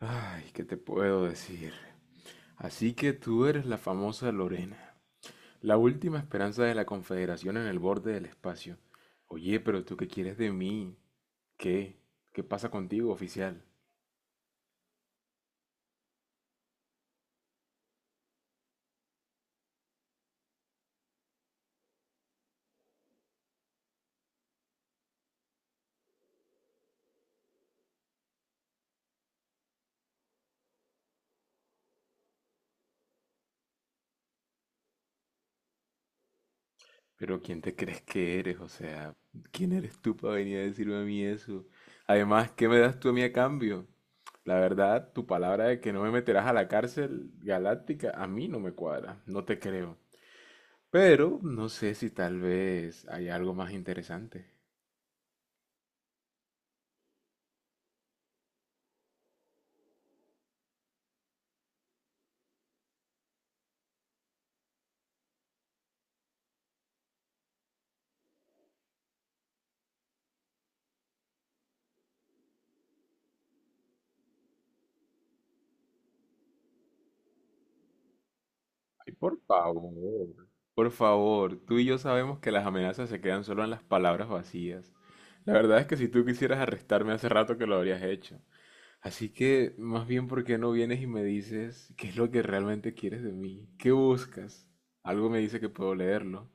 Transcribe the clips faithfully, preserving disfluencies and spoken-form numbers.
Ay, ¿qué te puedo decir? Así que tú eres la famosa Lorena, la última esperanza de la Confederación en el borde del espacio. Oye, pero ¿tú qué quieres de mí? ¿Qué? ¿Qué pasa contigo, oficial? Pero ¿quién te crees que eres? O sea, ¿quién eres tú para venir a decirme a mí eso? Además, ¿qué me das tú a mí a cambio? La verdad, tu palabra de que no me meterás a la cárcel galáctica a mí no me cuadra, no te creo. Pero no sé si tal vez hay algo más interesante. Ay, por favor. Por favor, tú y yo sabemos que las amenazas se quedan solo en las palabras vacías. La verdad es que si tú quisieras arrestarme hace rato que lo habrías hecho. Así que, más bien, ¿por qué no vienes y me dices qué es lo que realmente quieres de mí? ¿Qué buscas? Algo me dice que puedo leerlo.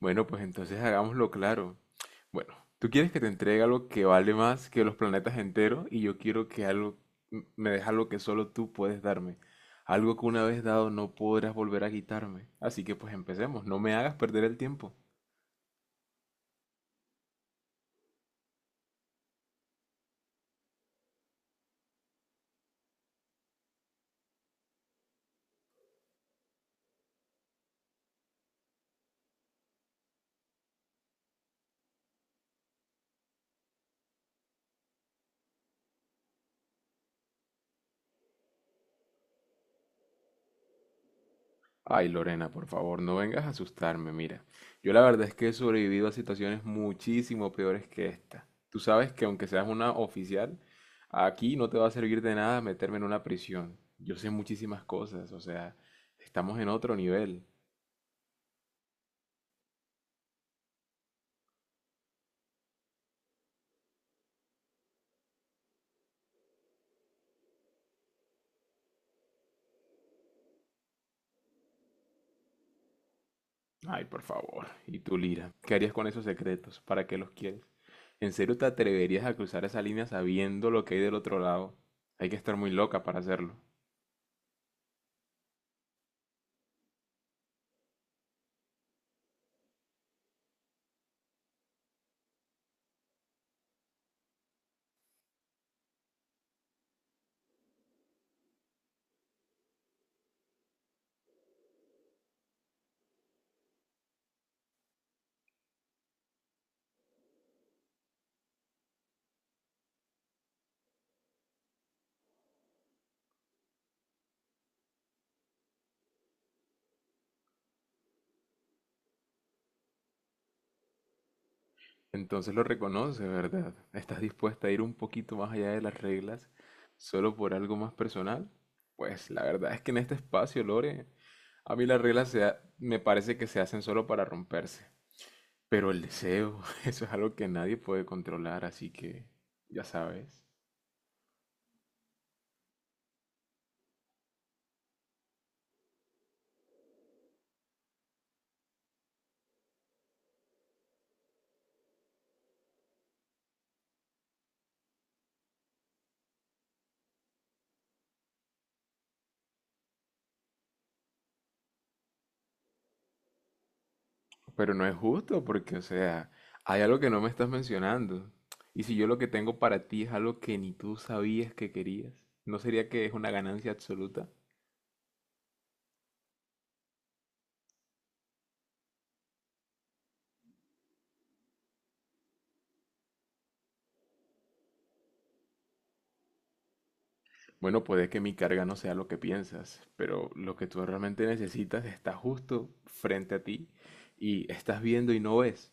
Bueno, pues entonces hagámoslo claro. Bueno, tú quieres que te entregue algo que vale más que los planetas enteros y yo quiero que algo m- me deja algo que solo tú puedes darme. Algo que una vez dado no podrás volver a quitarme. Así que pues empecemos, no me hagas perder el tiempo. Ay, Lorena, por favor, no vengas a asustarme, mira. Yo la verdad es que he sobrevivido a situaciones muchísimo peores que esta. Tú sabes que aunque seas una oficial, aquí no te va a servir de nada meterme en una prisión. Yo sé muchísimas cosas, o sea, estamos en otro nivel. Ay, por favor. ¿Y tú, Lira? ¿Qué harías con esos secretos? ¿Para qué los quieres? ¿En serio te atreverías a cruzar esa línea sabiendo lo que hay del otro lado? Hay que estar muy loca para hacerlo. Entonces lo reconoce, ¿verdad? ¿Estás dispuesta a ir un poquito más allá de las reglas solo por algo más personal? Pues la verdad es que en este espacio, Lore, a mí las reglas se ha- me parece que se hacen solo para romperse. Pero el deseo, eso es algo que nadie puede controlar, así que ya sabes. Pero no es justo porque, o sea, hay algo que no me estás mencionando. Y si yo lo que tengo para ti es algo que ni tú sabías que querías, ¿no sería que es una ganancia absoluta? Bueno, puede que mi carga no sea lo que piensas, pero lo que tú realmente necesitas está justo frente a ti y estás viendo y no ves.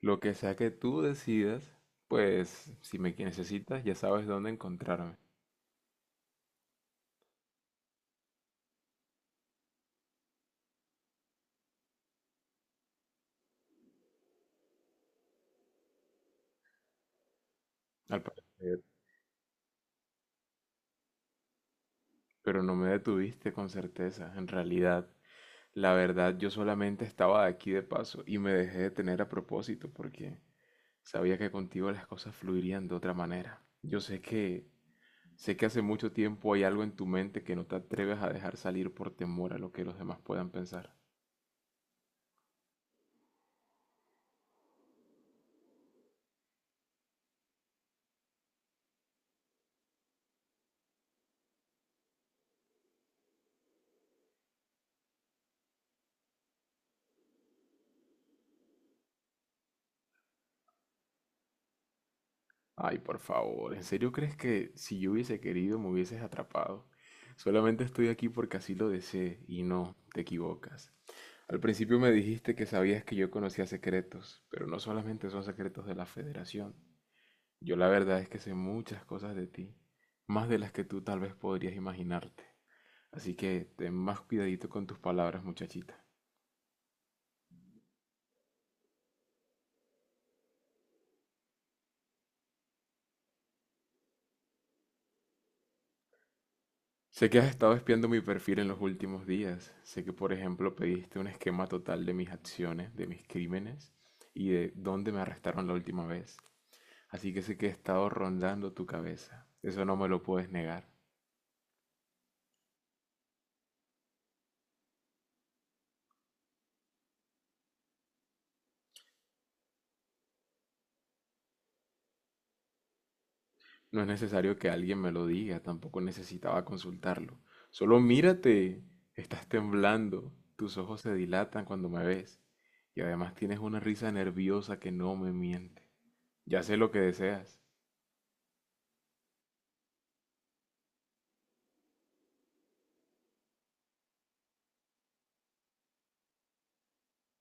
Lo que sea que tú decidas, pues si me necesitas ya sabes dónde encontrarme, al parecer. Pero no me detuviste con certeza, en realidad. La verdad, yo solamente estaba aquí de paso y me dejé detener a propósito porque sabía que contigo las cosas fluirían de otra manera. Yo sé que Sé que hace mucho tiempo hay algo en tu mente que no te atreves a dejar salir por temor a lo que los demás puedan pensar. Ay, por favor, ¿en serio crees que si yo hubiese querido me hubieses atrapado? Solamente estoy aquí porque así lo deseé y no, te equivocas. Al principio me dijiste que sabías que yo conocía secretos, pero no solamente son secretos de la Federación. Yo la verdad es que sé muchas cosas de ti, más de las que tú tal vez podrías imaginarte. Así que ten más cuidadito con tus palabras, muchachita. Sé que has estado espiando mi perfil en los últimos días. Sé que, por ejemplo, pediste un esquema total de mis acciones, de mis crímenes y de dónde me arrestaron la última vez. Así que sé que he estado rondando tu cabeza. Eso no me lo puedes negar. No es necesario que alguien me lo diga, tampoco necesitaba consultarlo. Solo mírate. Estás temblando. Tus ojos se dilatan cuando me ves. Y además tienes una risa nerviosa que no me miente. Ya sé lo que deseas.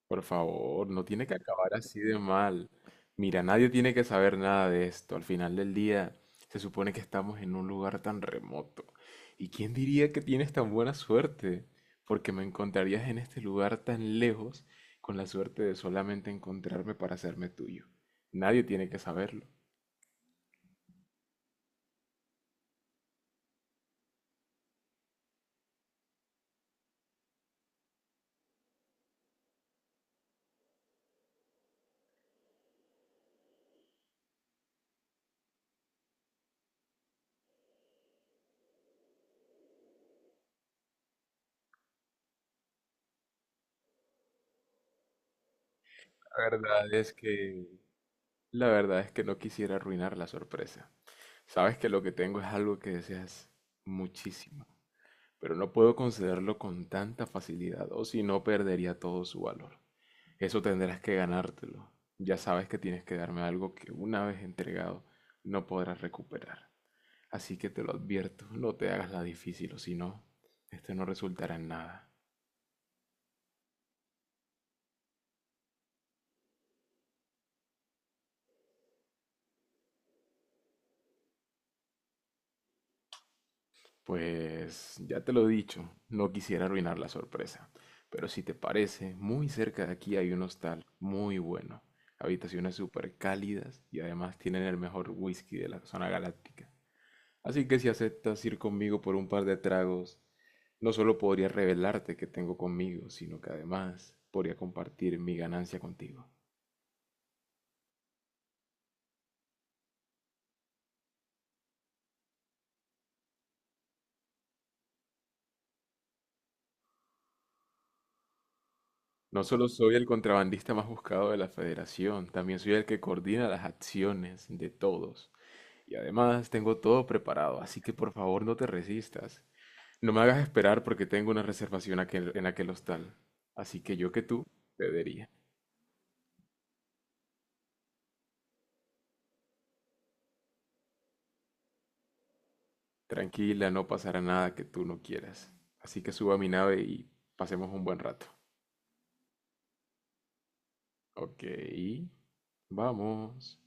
Por favor, no tiene que acabar así de mal. Mira, nadie tiene que saber nada de esto. Al final del día, se supone que estamos en un lugar tan remoto. ¿Y quién diría que tienes tan buena suerte? Porque me encontrarías en este lugar tan lejos con la suerte de solamente encontrarme para hacerme tuyo. Nadie tiene que saberlo. La verdad es que, la verdad es que no quisiera arruinar la sorpresa. Sabes que lo que tengo es algo que deseas muchísimo, pero no puedo concederlo con tanta facilidad, o si no perdería todo su valor. Eso tendrás que ganártelo. Ya sabes que tienes que darme algo que una vez entregado no podrás recuperar. Así que te lo advierto, no te hagas la difícil, o si no, esto no resultará en nada. Pues ya te lo he dicho, no quisiera arruinar la sorpresa. Pero si te parece, muy cerca de aquí hay un hostal muy bueno. Habitaciones súper cálidas y además tienen el mejor whisky de la zona galáctica. Así que si aceptas ir conmigo por un par de tragos, no solo podría revelarte que tengo conmigo, sino que además podría compartir mi ganancia contigo. No solo soy el contrabandista más buscado de la federación, también soy el que coordina las acciones de todos. Y además tengo todo preparado, así que por favor no te resistas. No me hagas esperar porque tengo una reservación aquel- en aquel hostal. Así que yo que tú, te diría. Tranquila, no pasará nada que tú no quieras. Así que suba a mi nave y pasemos un buen rato. Ok, vamos.